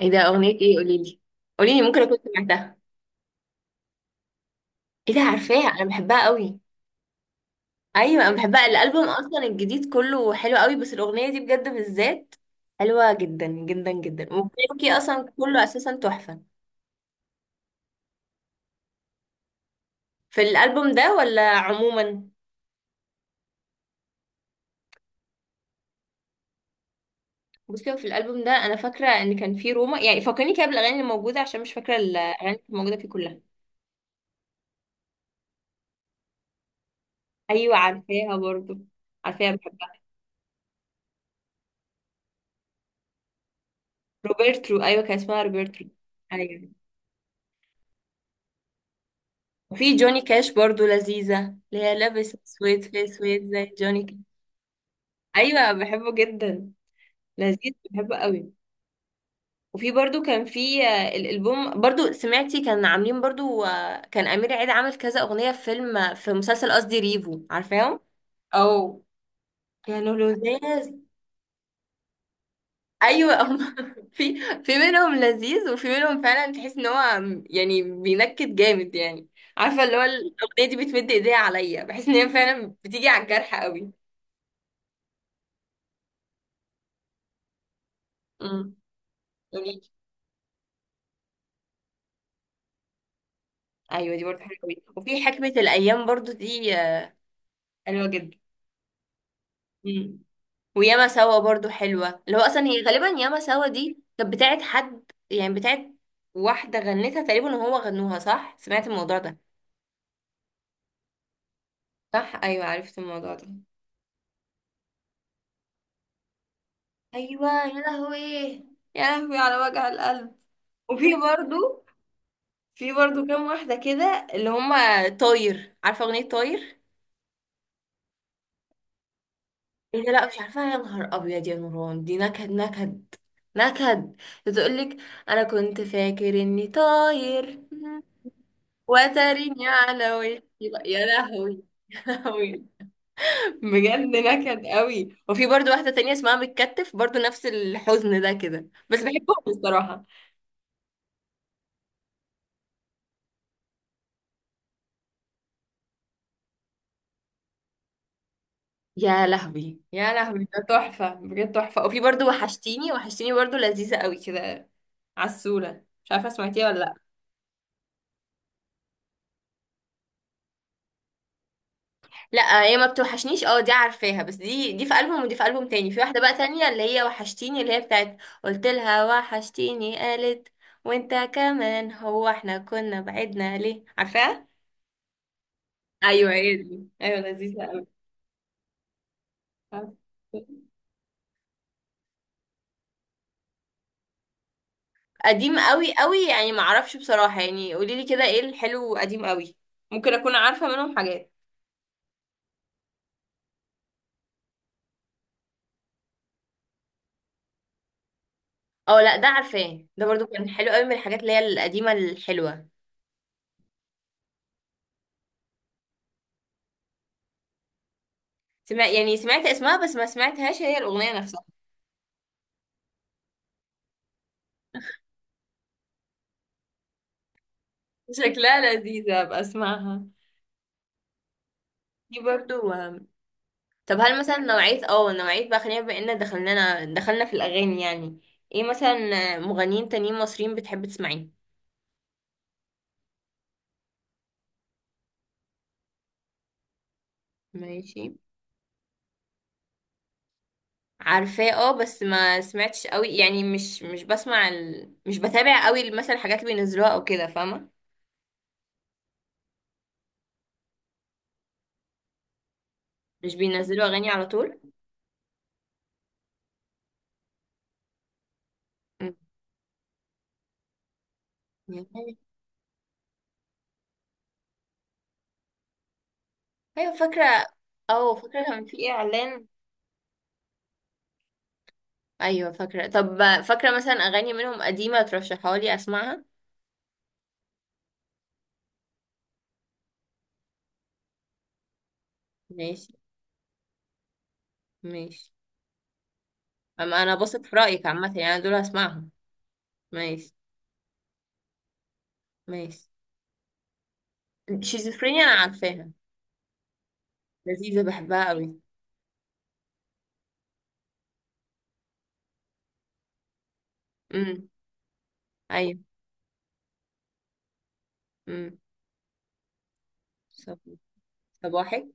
ايه ده؟ اغنية ايه؟ قولي لي. قولي لي، ممكن اكون سمعتها. ايه ده؟ عارفاها، انا بحبها قوي. ايوه، انا بحبها. الالبوم اصلا الجديد كله حلو قوي، بس الاغنية دي بجد بالذات حلوة جدا جدا جدا. وكايروكي اصلا كله اساسا تحفة. في الالبوم ده ولا عموما؟ بصي، هو في الالبوم ده انا فاكرة ان كان في روما، يعني فكرني كده بالاغاني اللي موجودة، عشان مش فاكرة الاغاني اللي موجودة فيه كلها. ايوه، عارفاها برضو. عارفاها، بحبها. روبرترو، ايوه، كان اسمها روبرترو. ايوه. وفي جوني كاش برضو لذيذة، اللي هي لابس اسود في اسود زي جوني كاش. ايوه، بحبه جدا. لذيذ، بحبه قوي. وفي برضو كان في الالبوم، برضو سمعتي كان عاملين برضو؟ كان امير عيد عامل كذا اغنية في فيلم، في مسلسل، قصدي ريفو، عارفاهم؟ او كانوا لذاذ. ايوه، هم في منهم لذيذ، وفي منهم فعلا تحس ان هو يعني بينكد جامد يعني. عارفه، اللي هو الاغنيه دي بتمد ايديها عليا، بحس ان هي فعلا بتيجي على الجرح. قوي. قولي لي. ايوه، دي برضو حلوه قوي. وفي حكمه الايام برضو دي، حلوه جدا. امم وياما سوا برضو حلوه، اللي هو اصلا هي غالبا ياما سوا دي كانت بتاعت حد، يعني بتاعت واحده غنتها تقريبا وهو غنوها، صح؟ سمعت الموضوع ده؟ صح، ايوه عرفت الموضوع ده. ايوه، يا لهوي، يا لهوي على وجع القلب. وفي برضو كام واحده كده، اللي هما طاير، عارفه اغنيه طاير؟ إيه ده؟ لا مش عارفة، يا نهار أبيض يا نوران، دي نكد نكد نكد. بتقولك أنا كنت فاكر إني طاير. وتريني على وشي بقى. يا لهوي، يا لهوي. بجد نكد قوي. وفي برضو واحدة تانية اسمها بتكتف، برضو نفس الحزن ده كده، بس بحبهم الصراحة. يا لهوي، يا لهوي، ده تحفة بجد تحفة. وفي برضو وحشتيني، وحشتيني برضو لذيذة قوي كده. عسولة، مش عارفة سمعتيها ولا لأ؟ لا هي ما بتوحشنيش، اه دي عارفاها، بس دي في ألبوم ودي في ألبوم تاني. في واحدة بقى تانية، اللي هي وحشتيني، اللي هي بتاعت. قلت لها وحشتيني، قالت وانت كمان، هو احنا كنا بعدنا ليه؟ عارفاها؟ ايوه، هي دي. ايوه، لذيذة قوي. قديم قوي قوي، يعني ما اعرفش بصراحة، يعني قولي لي كده ايه الحلو؟ قديم قوي. ممكن اكون عارفة منهم حاجات. اه، لا ده عارفاه، ده برضو كان حلو قوي، من الحاجات اللي هي القديمة الحلوة. يعني سمعت اسمها، بس ما سمعتهاش هي الأغنية نفسها. شكلها لذيذة، ابقى اسمعها. دي برضو. طب هل مثلا نوعية بقى، خلينا بما ان دخلنا في الأغاني يعني. ايه مثلا؟ مغنيين تانيين مصريين بتحب تسمعيه؟ ماشي. عارفاه، اه بس ما سمعتش قوي يعني، مش مش بسمع ال... مش بتابع قوي مثلا الحاجات اللي بينزلوها او كده، فاهمة؟ مش بينزلوا أغاني على طول؟ مم. ايوه فاكرة. اه فاكرة كان في اعلان. ايوه فاكرة. طب فاكرة مثلا أغاني منهم قديمة ترشحها لي اسمعها؟ ماشي. ماشي، اما انا بثق في رايك عامه، يعني أنا دول هسمعهم. ماشي. ماشي. شيزوفرينيا انا عارفاها. لذيذه، بحبها قوي. امم. ايوه. امم صب- صباحك.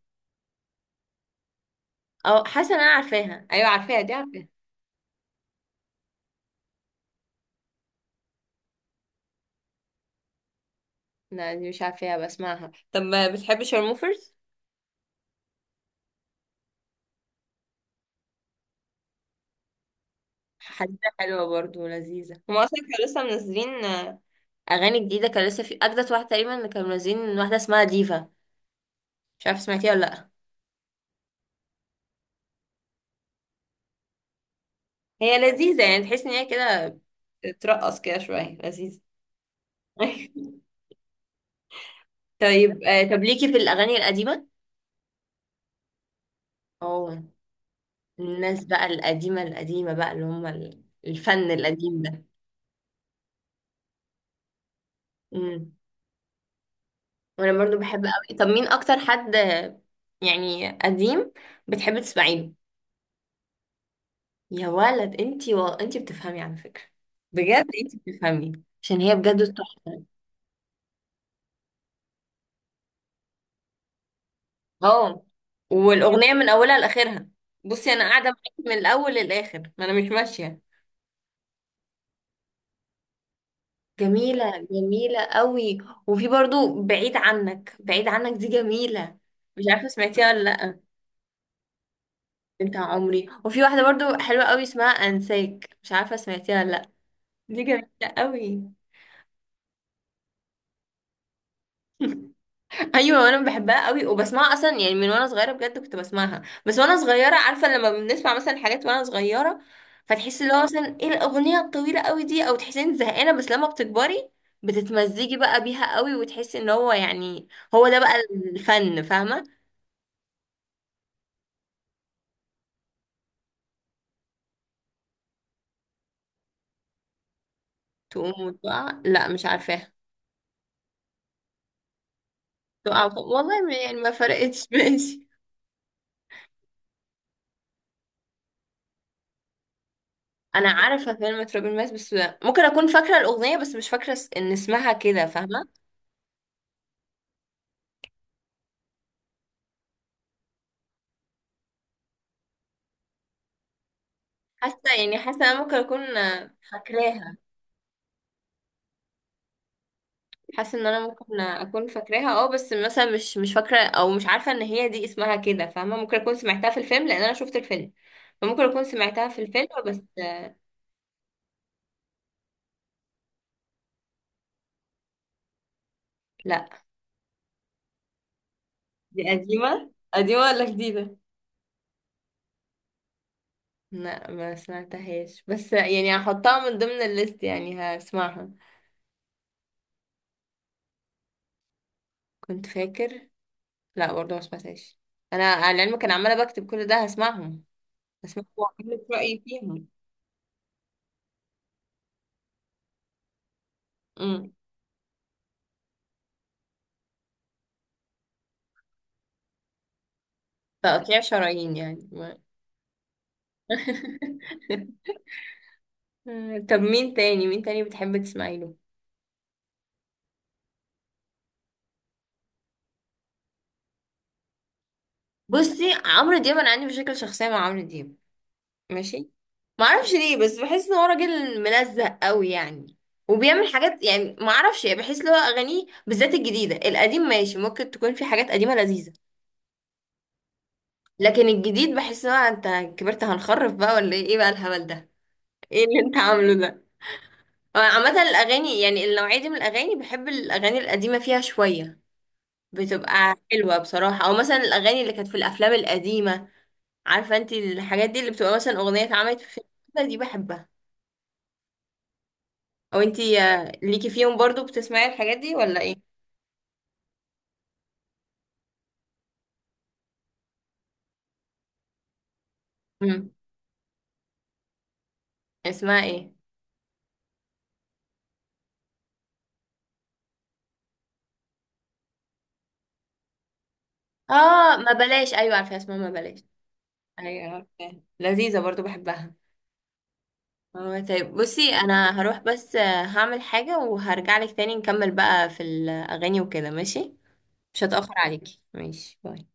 اه، حاسه إن انا عارفاها، ايوه عارفاها، دي عارفاها. لا، دي مش عارفاها، بسمعها. طب ما بتحبي شارموفرز؟ حديثة حلوة برضو ولذيذة. هما أصلا كانوا لسه منزلين أغاني جديدة. كان لسه في أجدد واحدة تقريبا اللي كانوا منزلين، واحدة اسمها ديفا. مش عارفة سمعتيها ولا لأ؟ هي لذيذة، يعني تحس إن هي كده ترقص كده شوية، لذيذة. طيب، طب ليكي في الأغاني القديمة؟ اه، الناس بقى القديمة القديمة بقى، اللي هم الفن القديم ده. امم وأنا برضو بحب أوي. طب مين أكتر حد، يعني قديم، بتحبي تسمعي له؟ يا ولد انتي انتي بتفهمي، على فكرة. بجد، انتي بتفهمي. عشان هي بجد تحفة. اه، والأغنية من أولها لآخرها. بصي، أنا قاعدة معاكي من الأول للآخر، ما أنا مش ماشية. جميلة، جميلة قوي. وفي برضو بعيد عنك، بعيد عنك دي جميلة. مش عارفة سمعتيها ولا لأ؟ بتاع عمري. وفي واحدة برضو حلوة قوي اسمها أنساك، مش عارفة سمعتيها ولا لأ؟ دي جميلة قوي. ايوه، انا بحبها قوي، وبسمعها اصلا يعني من وانا صغيره. بجد كنت بسمعها، بس وانا صغيره، عارفه، لما بنسمع مثلا حاجات وانا صغيره، فتحسي اللي هو مثلا ايه الاغنيه الطويله قوي دي، او تحسي انك زهقانه. بس لما بتكبري، بتتمزجي بقى بيها قوي، وتحسي ان هو يعني، هو ده بقى الفن، فاهمه؟ تقوم وتقع؟ لا مش عارفاها. تقع والله يعني ما فرقتش. ماشي. انا عارفه كلمه تراب الماس بس، ممكن اكون فاكره الاغنيه، بس مش فاكره ان اسمها كده، فاهمه. حاسه انا ممكن اكون فاكراها. حاسه ان انا ممكن اكون فاكراها، اه بس مثلا مش فاكره، او مش عارفه ان هي دي اسمها كده، فاهمه؟ ممكن اكون سمعتها في الفيلم لان انا شفت الفيلم. فممكن اكون سمعتها في الفيلم بس لا. دي قديمه قديمه ولا جديده؟ لا ما سمعتهاش، بس يعني هحطها من ضمن الليست، يعني هسمعها. كنت فاكر؟ لا برضه ما سمعتهاش. انا على العلم، كان عماله بكتب كل ده هسمعهم واقول لك رايي فيهم. امم. تقطيع شرايين يعني طب مين تاني بتحب تسمعي له؟ بصي عمرو دياب، انا عندي مشاكل شخصيه مع عمرو دياب. ماشي. معرفش ليه، بس بحس ان هو راجل ملزق قوي يعني، وبيعمل حاجات يعني، معرفش يعني، بحس ان هو اغانيه بالذات الجديده، القديم ماشي، ممكن تكون في حاجات قديمه لذيذه. لكن الجديد بحس ان هو، انت كبرت هنخرف بقى ولا ايه؟ إيه بقى الهبل ده؟ ايه اللي انت عامله ده؟ هو عامه الاغاني يعني النوعيه دي من الاغاني، بحب الاغاني القديمه فيها شويه، بتبقى حلوه بصراحه، او مثلا الاغاني اللي كانت في الافلام القديمه. عارفه انت الحاجات دي اللي بتبقى مثلا اغنيه اتعملت في فيلم، دي بحبها. او انتي ليكي فيهم برضو، بتسمعي الحاجات دي ولا ايه؟ امم. اسمها ايه؟ اه ما بلاش، ايوه عارفه اسمها ما بلاش. ايوه. عارفة. لذيذه برضو بحبها. اه، طيب، بصي انا هروح بس، هعمل حاجه وهرجع لك تاني، نكمل بقى في الاغاني وكده، ماشي؟ مش هتاخر عليكي. ماشي، باي.